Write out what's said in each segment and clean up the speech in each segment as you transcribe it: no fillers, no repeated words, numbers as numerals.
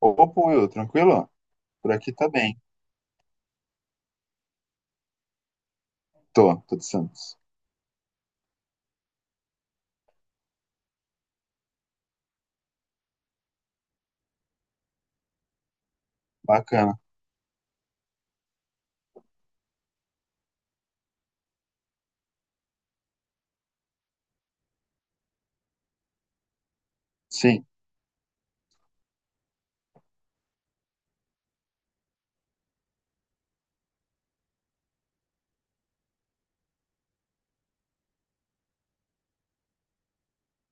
Opa, Will, tranquilo? Por aqui tá bem. Tô de Santos. Bacana. Sim,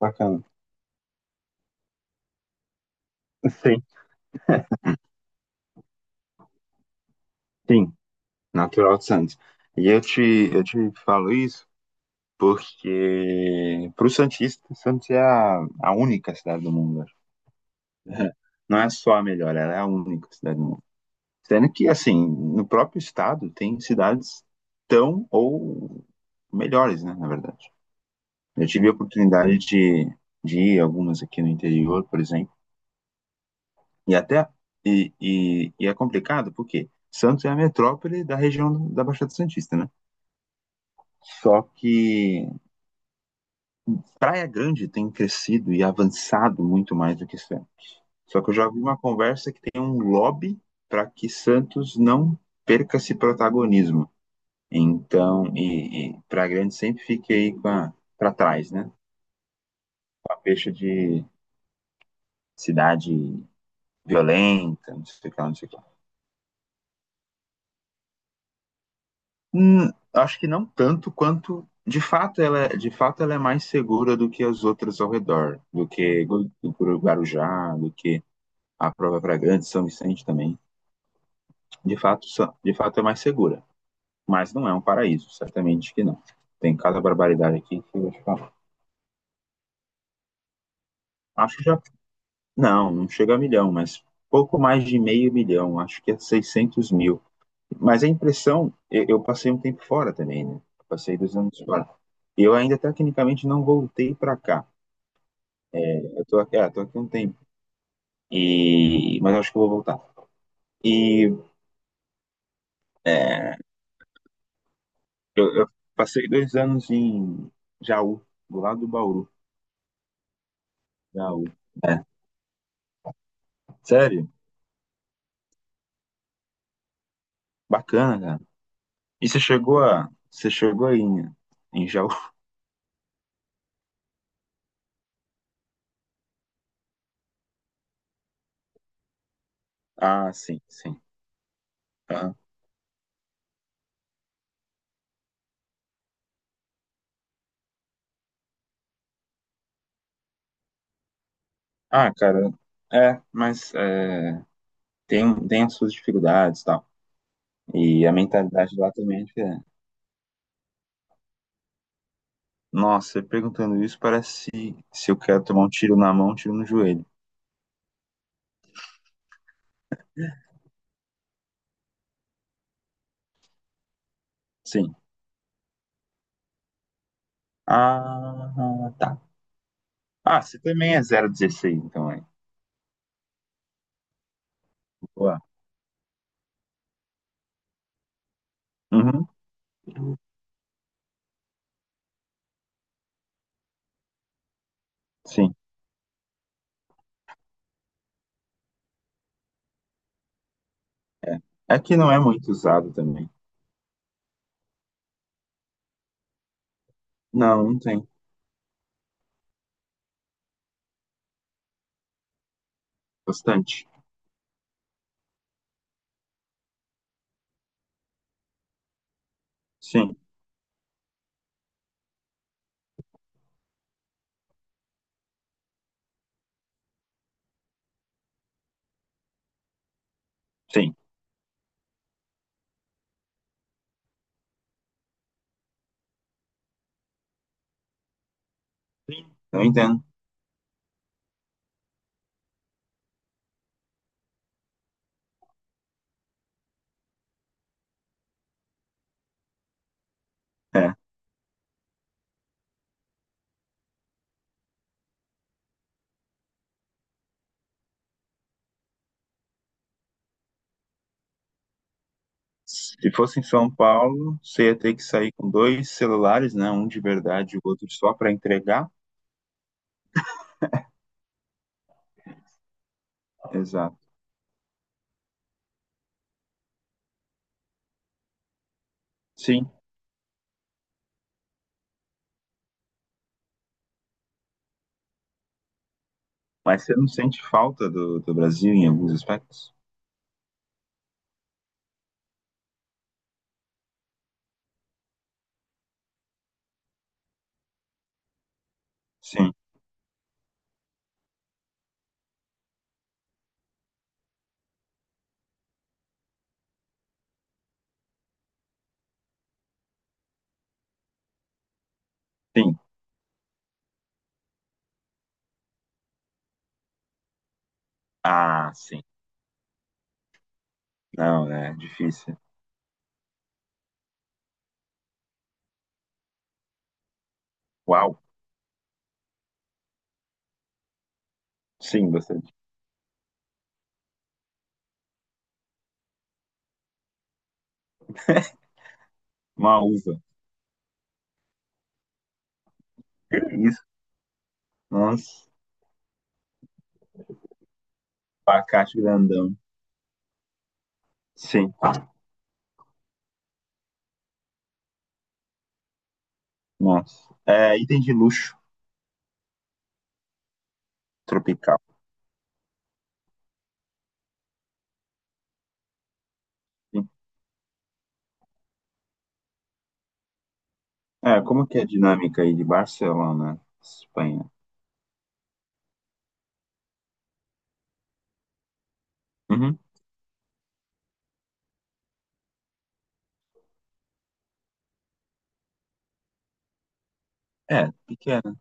bacana. Sim, sim. Natural de Santos. E eu te falo isso porque, pro Santista, Santos é a única cidade do mundo. Acho. Não é só a melhor, ela é a única cidade do mundo. Sendo que, assim, no próprio estado tem cidades tão ou melhores, né, na verdade. Eu tive a oportunidade de ir a algumas aqui no interior, por exemplo. E até e é complicado porque Santos é a metrópole da região da Baixada Santista, né? Só que Praia Grande tem crescido e avançado muito mais do que Santos. Só que eu já vi uma conversa que tem um lobby para que Santos não perca esse protagonismo. Então, e Praia Grande sempre fica aí para trás, né? A peixe de cidade violenta, não sei o que lá, não sei o que lá. Acho que não tanto quanto de fato ela é, de fato ela é mais segura do que as outras ao redor, do que do Guarujá, do que a própria Fragante, São Vicente também. De fato, de fato é mais segura, mas não é um paraíso, certamente que não. Tem cada barbaridade aqui que eu vou te falar. Acho que já não chega a milhão, mas pouco mais de meio milhão, acho que é 600 mil. Mas a impressão, eu passei um tempo fora também, né? Passei dois anos fora. Eu ainda tecnicamente não voltei para cá. Eu tô aqui, é, tô aqui um tempo. E... mas acho que eu vou voltar. E é, eu passei dois anos em Jaú, do lado do Bauru. Jaú. É, sério? Bacana, cara. E você chegou a. Você chegou aí em, em Jaú? Ah, sim, sim. Aham. Ah, cara, é, mas é, tem as suas dificuldades e tal. E a mentalidade lá também é diferente. Nossa, você perguntando isso parece se, se eu quero tomar um tiro na mão, um tiro no joelho. Sim. Ah, tá. Ah, você também é zero dezesseis, então é. Boa. Uhum, sim. É que não é muito usado também. Não, não tem. Bastante. Sim, sim. Sim. Eu entendo. É. Se fosse em São Paulo, você ia ter que sair com dois celulares, né? Um de verdade e o outro só para entregar. Exato. Sim. Mas você não sente falta do, do Brasil em alguns aspectos? Sim, sim. Ah, sim. Não, né? É difícil. Uau. Sim, bastante. Uma uva. Que isso? Nossa. Abacate grandão. Sim. Nossa. É, item de luxo tropical. Sim. É, como que é a dinâmica aí de Barcelona, Espanha? Uhum. É, pequena.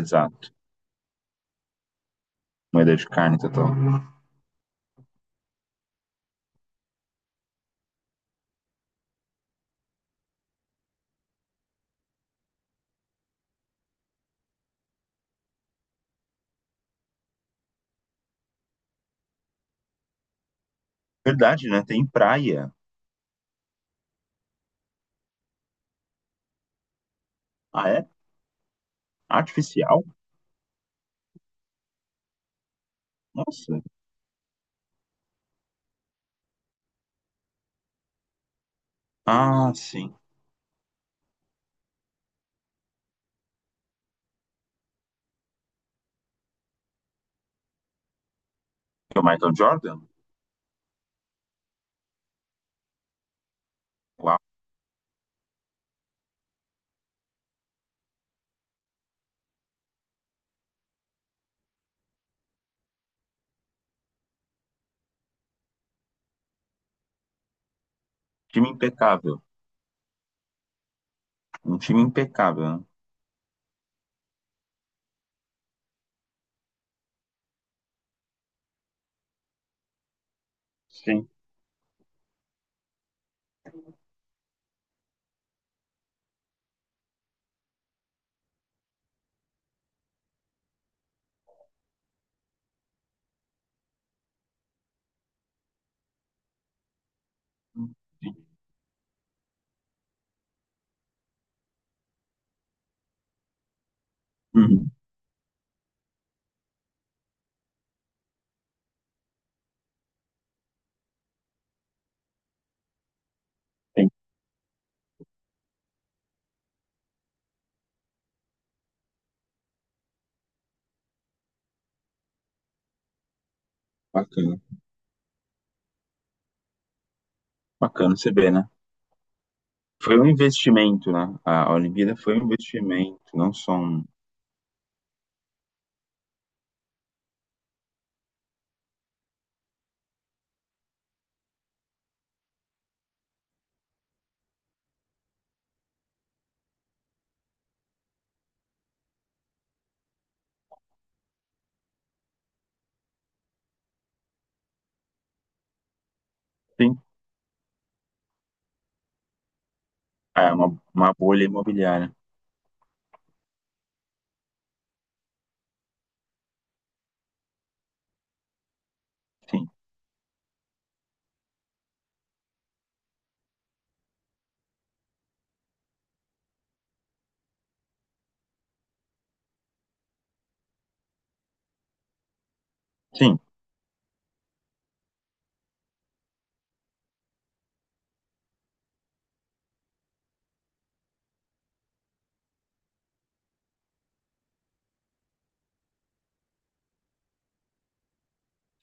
Exato. Moeda de carne total. Verdade, né? Tem praia. Ah, é? Artificial? Nossa. Ah, sim. Que é o Michael Jordan? Uau. Time impecável. Um time impecável, né? Sim. Sim. Uhum. Sim. Bacana. Bacana você ver, né? Foi um investimento, né? A Olimpíada foi um investimento, não só um. Sim. É uma bolha imobiliária. Sim, sim,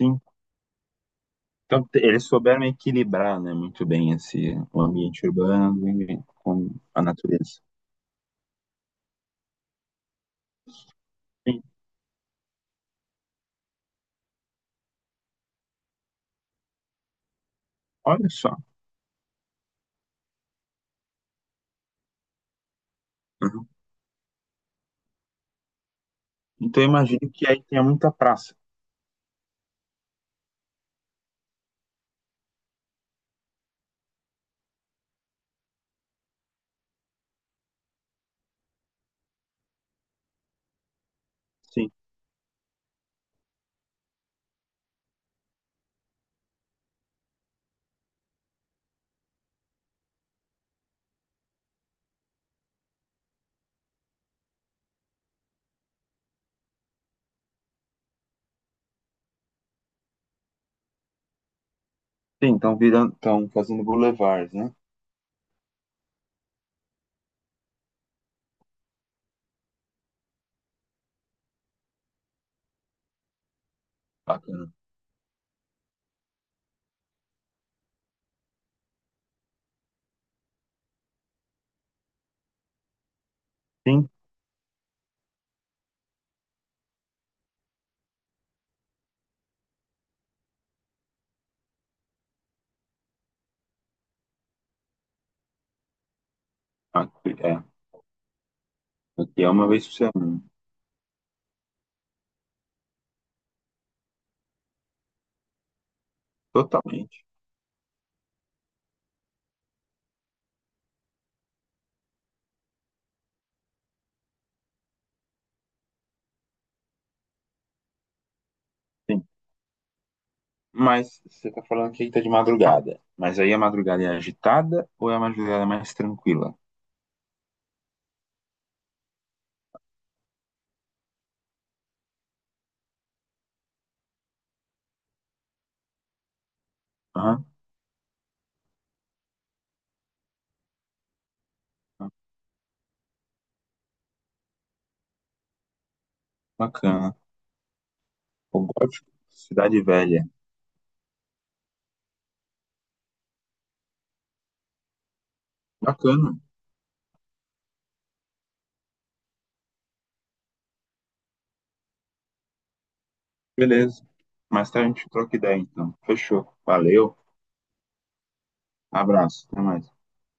sim. Então, eles souberam equilibrar, né, muito bem esse o ambiente urbano e com a natureza. Sim, olha só. Uhum. Então, eu imagino que aí tenha muita praça. Sim, sim, estão virando, estão fazendo boulevards, né? Bacana. Sim, aqui é, aqui é uma vez por semana. Totalmente. Sim. Mas você está falando que aí está de madrugada. Mas aí a madrugada é agitada ou é a madrugada mais tranquila? Aham, bacana. O Gótico, Cidade Velha. Bacana, beleza. Mais tarde a gente troca ideia, então. Fechou. Valeu, abraço, até mais.